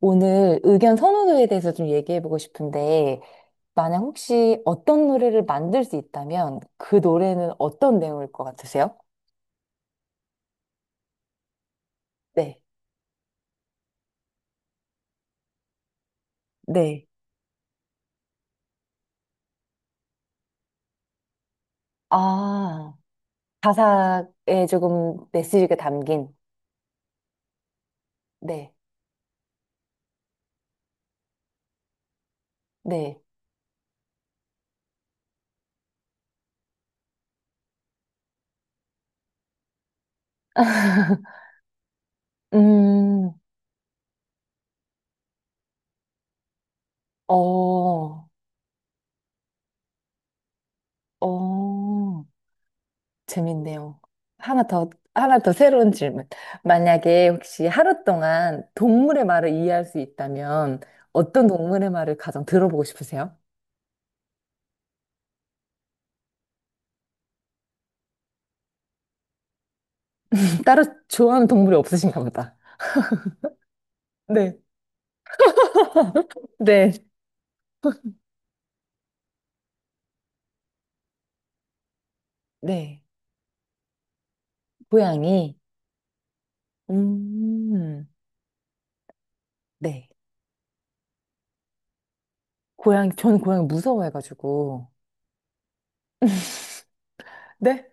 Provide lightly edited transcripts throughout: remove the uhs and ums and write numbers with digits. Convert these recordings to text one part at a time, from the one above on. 오늘 의견 선호도에 대해서 좀 얘기해보고 싶은데, 만약 혹시 어떤 노래를 만들 수 있다면 그 노래는 어떤 내용일 것 같으세요? 네. 네. 아, 가사에 조금 메시지가 담긴. 네. 네. 음, 어, 어. 재밌네요. 하나 더 새로운 질문. 만약에 혹시 하루 동안 동물의 말을 이해할 수 있다면 어떤 동물의 말을 가장 들어보고 싶으세요? 따로 좋아하는 동물이 없으신가 보다. 네. 네. 네. 고양이. 음, 네. 고양이, 저는 고양이 무서워해가지고. 네?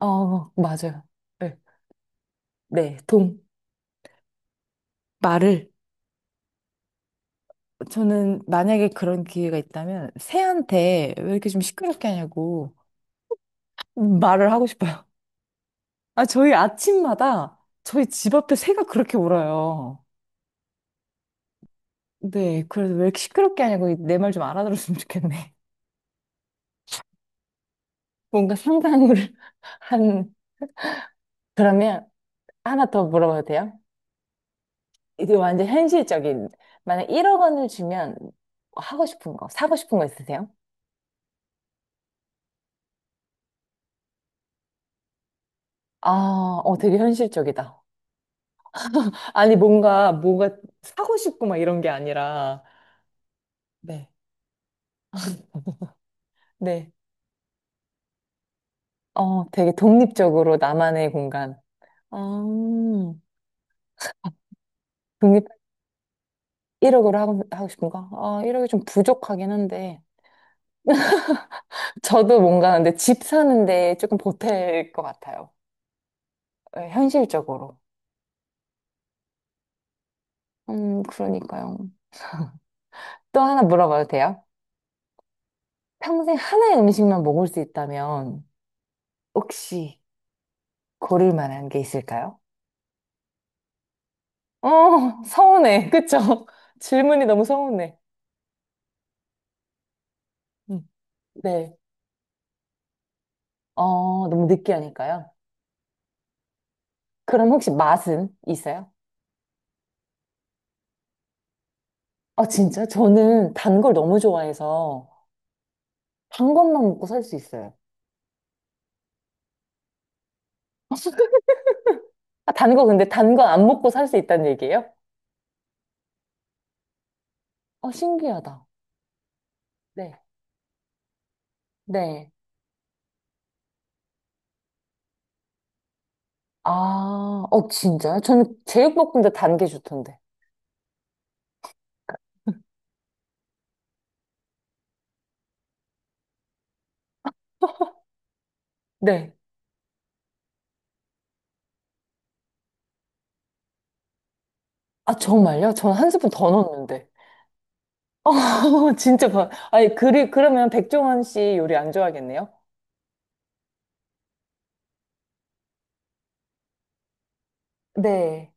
어, 맞아요. 네. 네, 동, 말을. 저는 만약에 그런 기회가 있다면 새한테 왜 이렇게 좀 시끄럽게 하냐고 말을 하고 싶어요. 아, 저희 아침마다 저희 집 앞에 새가 그렇게 울어요. 네, 그래서 왜 이렇게 시끄럽게 하냐고 내 말 좀 알아들었으면 좋겠네. 뭔가 상상을 한, 그러면 하나 더 물어봐도 돼요? 이게 뭐 완전 현실적인. 만약 1억 원을 주면 하고 싶은 거, 사고 싶은 거 있으세요? 아, 어, 되게 현실적이다. 아니, 뭔가, 뭐가 사고 싶고 막 이런 게 아니라, 네. 네. 어, 되게 독립적으로 나만의 공간. 아, 독립 1억으로 하고 싶은가? 아, 1억이 좀 부족하긴 한데. 저도 뭔가 근데 집 사는데 조금 보탤 것 같아요. 예, 현실적으로. 그러니까요. 또 하나 물어봐도 돼요? 평생 하나의 음식만 먹을 수 있다면 혹시 고를 만한 게 있을까요? 어, 서운해. 그쵸? 질문이 너무 서운해. 음. 네. 어, 너무 느끼하니까요. 그럼 혹시 맛은 있어요? 아, 진짜? 저는 단 걸 너무 좋아해서 단 것만 먹고 살 수 있어요. 아, 단 거, 근데 단 거 안 먹고 살 수 있다는 얘기예요? 어, 신기하다. 네. 네. 아, 어, 진짜요? 저는 제육볶음도 단 게 좋던데. 네. 아, 정말요? 저는 한 스푼 더 넣었는데. 어, 진짜 봐. 아니, 그러면 백종원 씨 요리 안 좋아하겠네요? 네.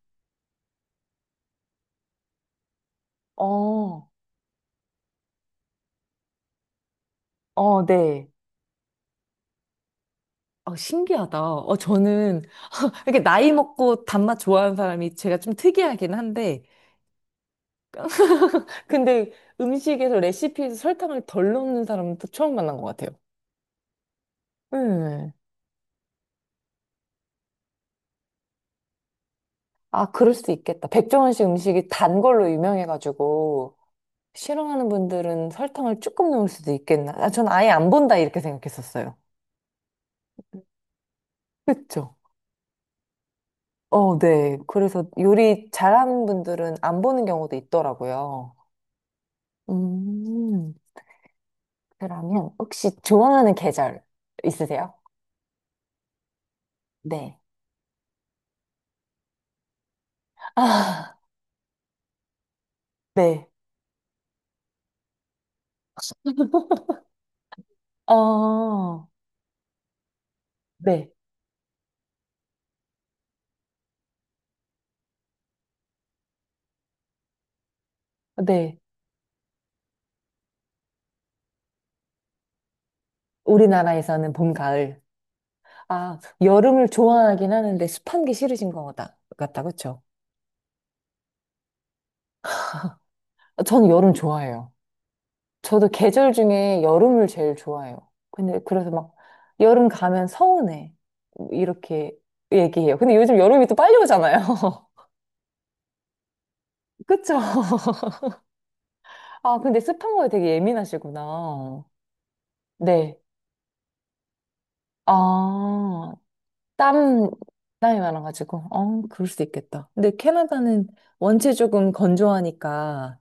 어, 어, 네. 어, 신기하다. 어, 저는, 이렇게 나이 먹고 단맛 좋아하는 사람이 제가 좀 특이하긴 한데, 근데 음식에서 레시피에서 설탕을 덜 넣는 사람은 또 처음 만난 것 같아요. 네. 아, 그럴 수도 있겠다. 백종원 씨 음식이 단 걸로 유명해가지고, 싫어하는 분들은 설탕을 조금 넣을 수도 있겠나. 아, 전 아예 안 본다, 이렇게 생각했었어요. 그쵸? 어, 네. 그래서 요리 잘하는 분들은 안 보는 경우도 있더라고요. 음, 그러면 혹시 좋아하는 계절 있으세요? 네. 아, 네. 어, 네. 네. 우리나라에서는 봄, 가을. 아, 여름을 좋아하긴 하는데 습한 게 싫으신 것 같다, 그쵸? 전 여름 좋아해요. 저도 계절 중에 여름을 제일 좋아해요. 근데 그래서 막 여름 가면 서운해. 이렇게 얘기해요. 근데 요즘 여름이 또 빨리 오잖아요. 그쵸? 아, 근데 습한 거에 되게 예민하시구나. 네. 아, 땀, 땀이 많아가지고. 어, 그럴 수도 있겠다. 근데 캐나다는 원체 조금 건조하니까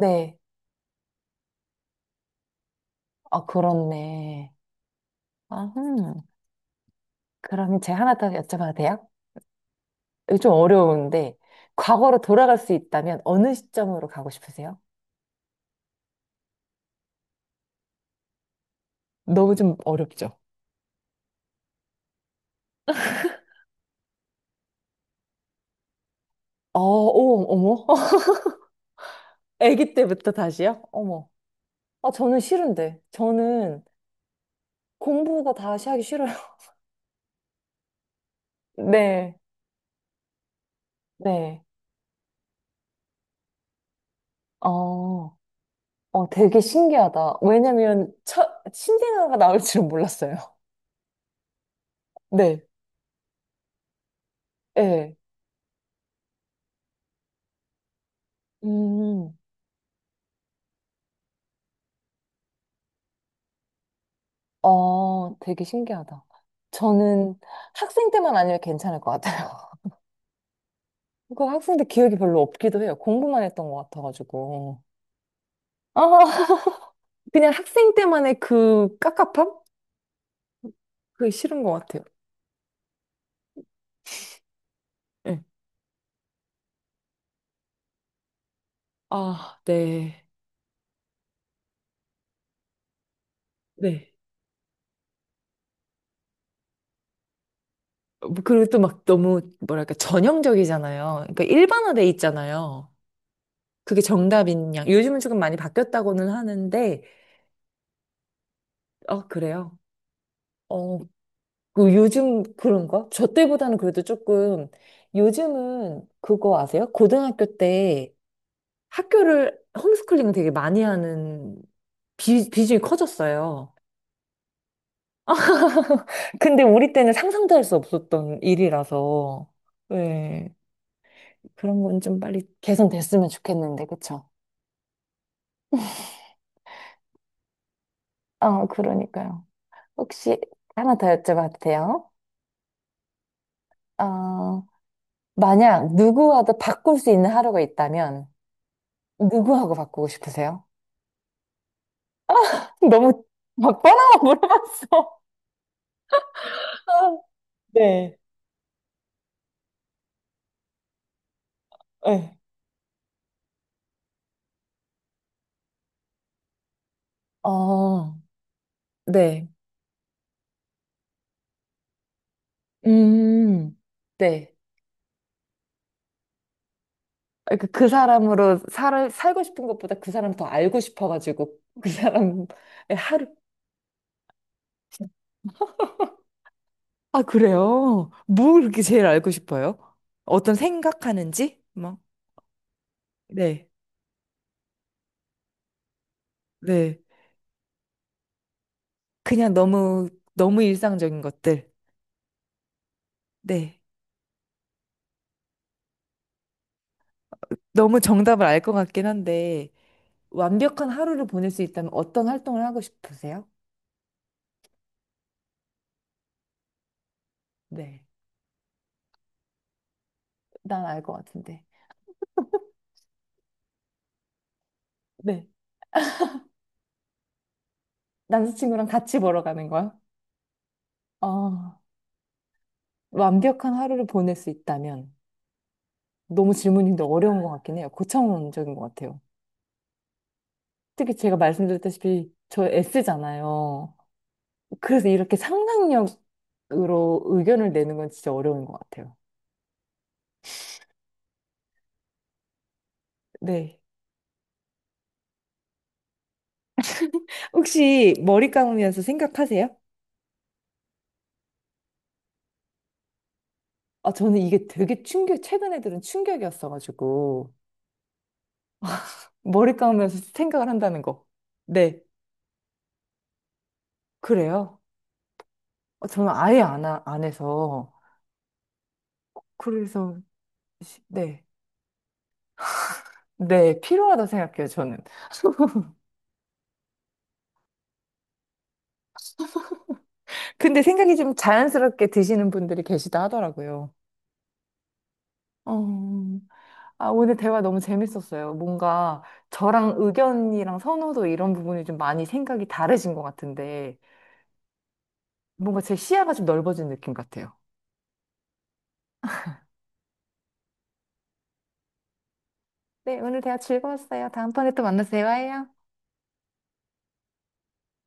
네. 아, 그렇네. 아, 흠 그러면 제가 하나 더 여쭤봐도 돼요? 이거 좀 어려운데, 과거로 돌아갈 수 있다면 어느 시점으로 가고 싶으세요? 너무 좀 어렵죠? 어, 오, 어머. 아기 때부터 다시요? 어머. 아, 저는 싫은데. 저는 공부가 다시 하기 싫어요. 네. 네. 어, 어, 되게 신기하다. 왜냐면, 신생아가 나올 줄은 몰랐어요. 네. 예. 음. 어, 되게 신기하다. 저는 학생 때만 아니면 괜찮을 것 같아요. 그 학생 때 기억이 별로 없기도 해요. 공부만 했던 것 같아가지고. 아, 그냥 학생 때만의 그 깝깝함? 그게 싫은 것 같아요. 네. 아, 네. 네. 뭐 그리고 또 막 너무 뭐랄까 전형적이잖아요. 그러니까 일반화돼 있잖아요. 그게 정답인 양. 요즘은 조금 많이 바뀌었다고는 하는데, 어, 그래요. 어, 그 요즘 그런가? 저 때보다는 그래도 조금 요즘은 그거 아세요? 고등학교 때 학교를 홈스쿨링 되게 많이 하는 비중이 커졌어요. 근데 우리 때는 상상도 할 수 없었던 일이라서 네, 그런 건 좀 빨리 개선됐으면 좋겠는데 그쵸? 아 그러니까요. 혹시 하나 더 여쭤봐도 돼요? 어, 만약 누구와도 바꿀 수 있는 하루가 있다면 누구하고 바꾸고 싶으세요? 너무 막 뻔한 거 물어봤어. 네. 네. 어, 네. 음, 네. 그러니까 그 사람으로 살고 싶은 것보다 그 사람 더 알고 싶어가지고, 그 사람의 하루. 아, 그래요? 뭘 그렇게 제일 알고 싶어요? 어떤 생각하는지? 뭐. 네. 네. 그냥 너무, 너무 일상적인 것들. 네. 너무 정답을 알 것 같긴 한데, 완벽한 하루를 보낼 수 있다면 어떤 활동을 하고 싶으세요? 네. 난 알 것 같은데. 네. 남자친구랑 같이 보러 가는 거야? 아, 완벽한 하루를 보낼 수 있다면 너무 질문인데 어려운 것 같긴 해요. 고차원적인 것 같아요. 특히 제가 말씀드렸다시피 저 S잖아요. 그래서 이렇게 상상력으로 의견을 내는 건 진짜 어려운 것 같아요. 네. 혹시 머리 감으면서 생각하세요? 아, 저는 이게 되게 충격, 최근에 들은 충격이었어가지고 머리 감으면서 생각을 한다는 거. 네. 그래요? 어, 저는 아예 안 해서. 그래서, 네. 네, 필요하다 생각해요, 저는. 근데 생각이 좀 자연스럽게 드시는 분들이 계시다 하더라고요. 어, 아, 오늘 대화 너무 재밌었어요. 뭔가 저랑 의견이랑 선호도 이런 부분이 좀 많이 생각이 다르신 것 같은데, 뭔가 제 시야가 좀 넓어진 느낌 같아요. 네, 오늘 대화 즐거웠어요. 다음번에 또 만나서 대화해요.